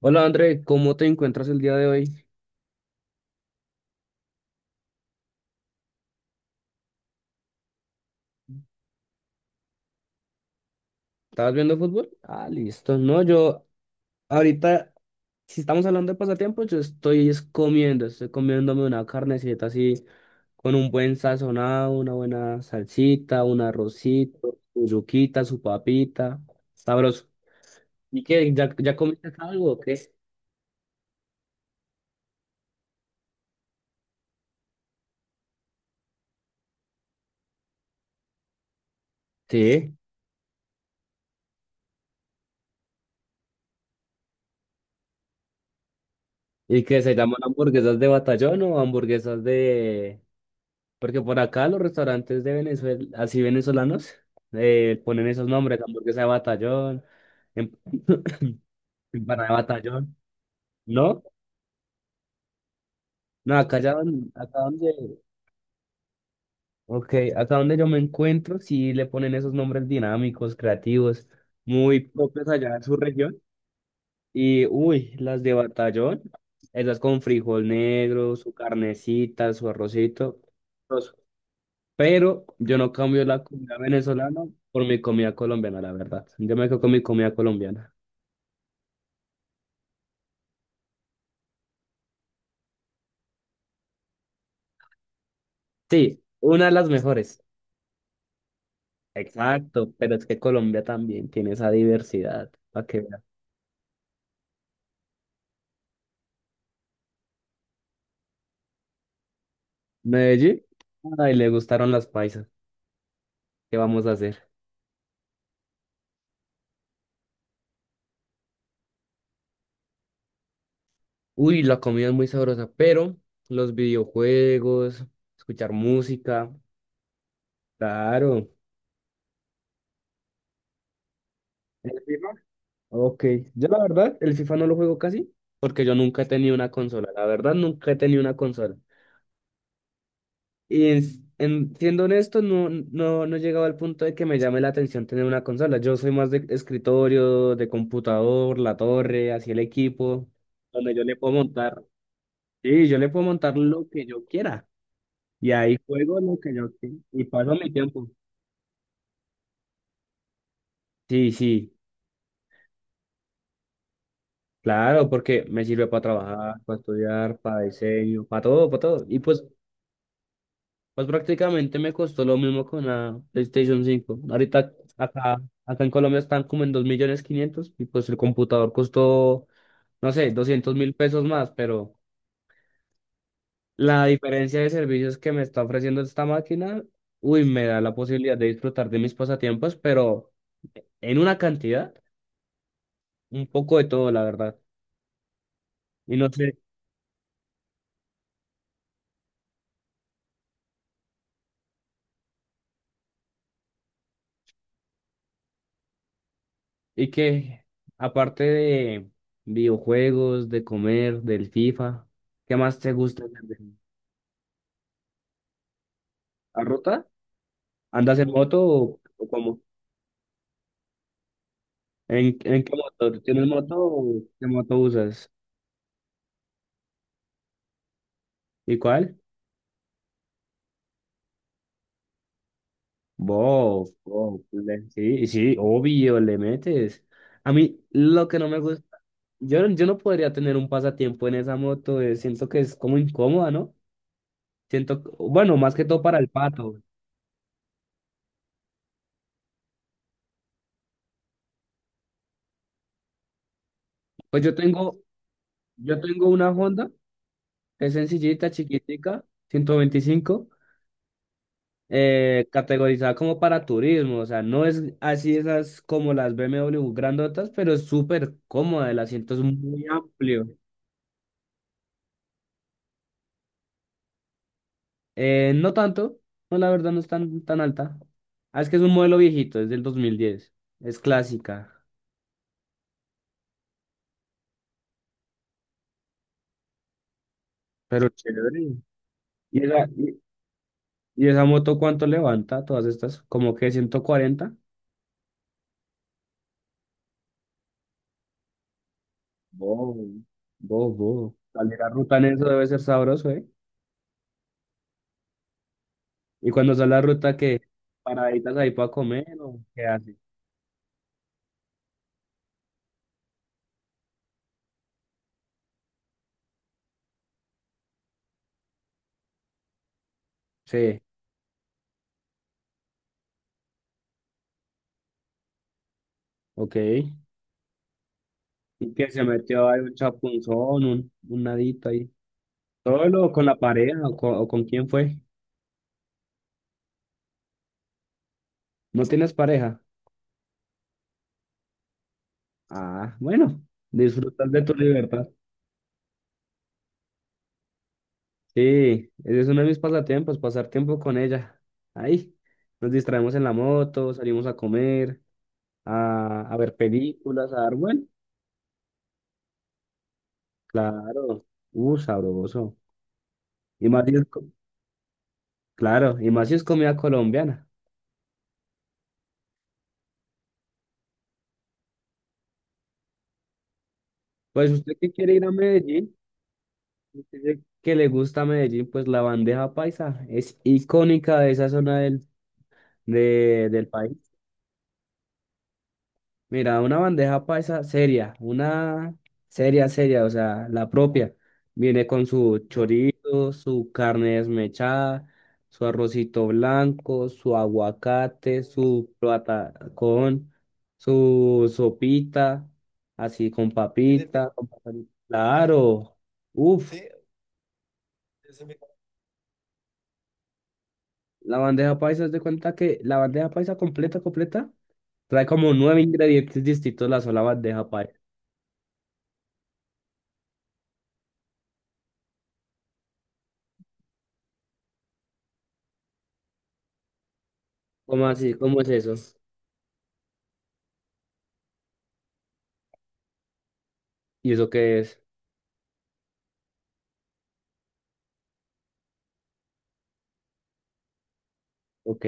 Hola André, ¿cómo te encuentras el día de hoy? ¿Estabas viendo fútbol? Ah, listo. No, yo ahorita, si estamos hablando de pasatiempos, yo estoy comiéndome una carnecita así, con un buen sazonado, una buena salsita, un arrocito, su yuquita, su papita. Sabroso. ¿Y qué? ¿Ya comiste algo o qué? Sí. ¿Y qué se llaman hamburguesas de batallón o hamburguesas de? Porque por acá los restaurantes de Venezuela, así venezolanos, ponen esos nombres, hamburguesa de batallón, em- empanada de batallón, ¿no? No, acá ya, acá donde, okay, acá donde yo me encuentro, sí le ponen esos nombres dinámicos, creativos, muy propios allá en su región. Y, uy, las de batallón, esas con frijol negro, su carnecita, su arrocito. Pero yo no cambio la comida venezolana por mi comida colombiana, la verdad. Yo me quedo con mi comida colombiana. Sí, una de las mejores. Exacto, pero es que Colombia también tiene esa diversidad. Para que veas. Medellín, ay, le gustaron las paisas. ¿Qué vamos a hacer? Uy, la comida es muy sabrosa, pero los videojuegos, escuchar música, claro. ¿El FIFA? Ok, yo la verdad, el FIFA no lo juego casi, porque yo nunca he tenido una consola. La verdad, nunca he tenido una consola. Siendo honesto, no he llegado al punto de que me llame la atención tener una consola. Yo soy más de escritorio, de computador, la torre, así el equipo, donde yo le puedo montar. Sí, yo le puedo montar lo que yo quiera. Y ahí juego lo que yo quiera. Y paso mi tiempo. Sí, sí, claro, porque me sirve para trabajar, para estudiar, para diseño, para todo, para todo. Y pues, pues prácticamente me costó lo mismo con la PlayStation 5. Ahorita acá en Colombia están como en 2.500.000 y pues el computador costó, no sé, 200.000 pesos más, pero la diferencia de servicios que me está ofreciendo esta máquina, uy, me da la posibilidad de disfrutar de mis pasatiempos, pero en una cantidad, un poco de todo, la verdad. Y no sé, y que aparte de videojuegos, de comer, del FIFA, ¿qué más te gusta hacer? ¿La ruta? ¿Andas en moto o cómo? En qué moto? ¿Tienes moto o qué moto usas? ¿Y cuál? Bof, bof, le- sí, sí, obvio, le metes. A mí lo que no me gusta, yo, yo no podría tener un pasatiempo en esa moto, siento que es como incómoda, ¿no? Siento, que- bueno, más que todo para el pato. Pues yo tengo una Honda, es sencillita, chiquitica, 125, categorizada como para turismo, o sea, no es así esas como las BMW grandotas, pero es súper cómoda, el asiento es muy amplio. No tanto, no, la verdad no es tan, tan alta. Ah, es que es un modelo viejito, es del 2010, es clásica, pero chévere. ¿Y esa, y, y esa moto cuánto levanta? Todas estas, como que 140. Wow, wow, wow. Salir a ruta en eso debe ser sabroso, ¿eh? Y cuando sale a ruta, que ¿paraditas ahí para comer o qué hace? Sí, ok. Y que se metió ahí un chapunzón, un nadito ahí. ¿Solo o con la pareja o con quién fue? ¿No tienes pareja? Ah, bueno, disfrutar de tu libertad. Sí, ese es uno de mis pasatiempos, pasar tiempo con ella. Ahí, nos distraemos en la moto, salimos a comer, a ver películas, a dar bueno. Claro, sabroso. Y más si es claro, y más si es comida colombiana. Pues usted que quiere ir a Medellín, dice que le gusta a Medellín, pues la bandeja paisa es icónica de esa zona del, del país. Mira, una bandeja paisa seria, una seria, seria, o sea, la propia. Viene con su chorizo, su carne desmechada, su arrocito blanco, su aguacate, su patacón, su sopita, así con papita, con papita. Claro, uff. La bandeja paisa, haz de cuenta que la bandeja paisa completa, completa, trae como nueve ingredientes distintos la sola bandeja paisa. ¿Cómo así? ¿Cómo es eso? ¿Y eso qué es? Ok,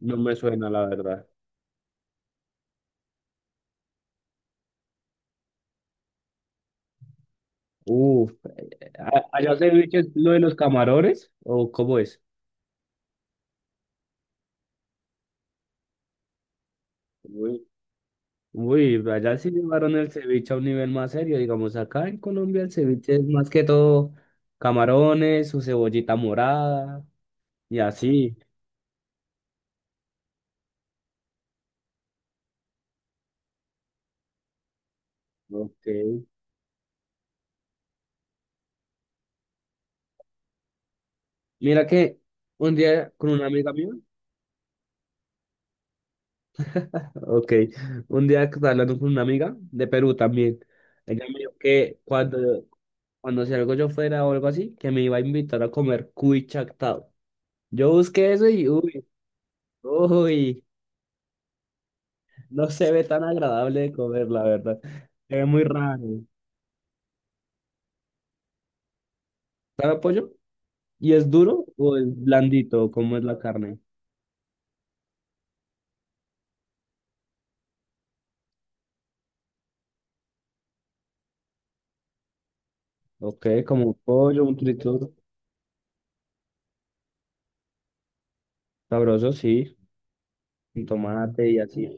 no me suena la verdad. Uh, ¿Allá se ceviche es lo de los camarones? ¿O cómo es? Uy, uy, allá sí llevaron el ceviche a un nivel más serio. Digamos, acá en Colombia el ceviche es más que todo camarones, su cebollita morada y así. Ok. Mira que un día con una amiga mía, ok, un día que estaba hablando con una amiga de Perú también, ella me dijo que cuando, cuando si algo yo fuera o algo así, que me iba a invitar a comer cuy chactado. Yo busqué eso y uy, uy, no se ve tan agradable de comer, la verdad. Se ve muy raro. ¿Sabe a pollo? ¿Y es duro o es blandito? ¿Cómo es la carne? Ok, como pollo, un tritura, sabroso, sí, con tomate y así.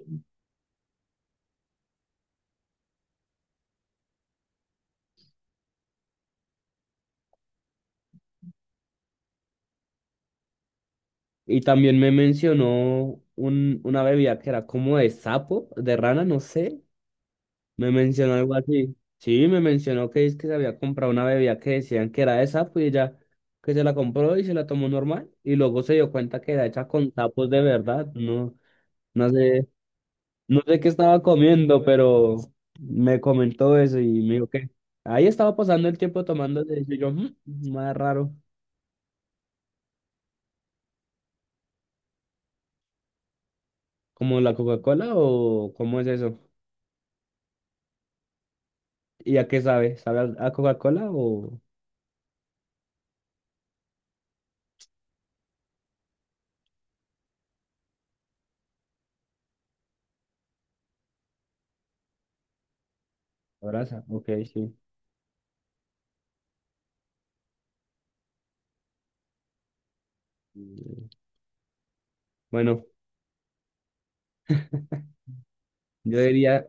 Y también me mencionó una bebida que era como de sapo, de rana, no sé. Me mencionó algo así. Sí, me mencionó que es que se había comprado una bebida que decían que era de sapo y ella que se la compró y se la tomó normal. Y luego se dio cuenta que era hecha con sapos de verdad. No, no sé, no sé qué estaba comiendo, pero me comentó eso y me dijo que ahí estaba pasando el tiempo tomando eso. Y yo, "Mm, más raro". ¿Como la Coca-Cola o cómo es eso? ¿Y a qué sabe? ¿Sabe a Coca-Cola o a grasa? Ok, sí. Mm, Bueno, yo diría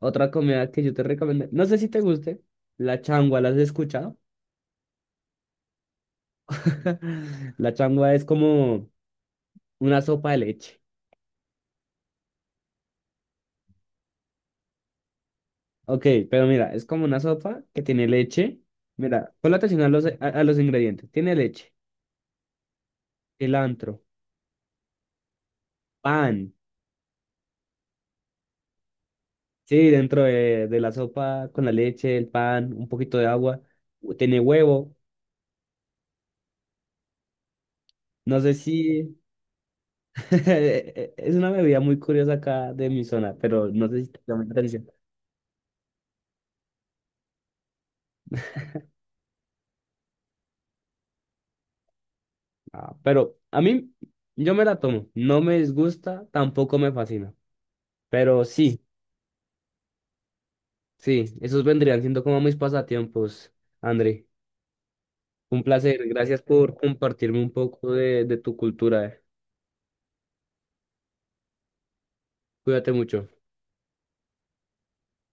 otra comida que yo te recomiendo. No sé si te guste. La changua, ¿las has escuchado? La changua es como una sopa de leche. Ok, pero mira, es como una sopa que tiene leche. Mira, ponle atención a los ingredientes. Tiene leche, cilantro, pan. Sí, dentro de la sopa con la leche, el pan, un poquito de agua. Tiene huevo. No sé si. Es una bebida muy curiosa acá de mi zona, pero no sé si te llama la atención. Ah, pero a mí, yo me la tomo. No me disgusta, tampoco me fascina. Pero sí, sí, esos vendrían siendo como mis pasatiempos, André. Un placer. Gracias por compartirme un poco de, tu cultura. Cuídate mucho.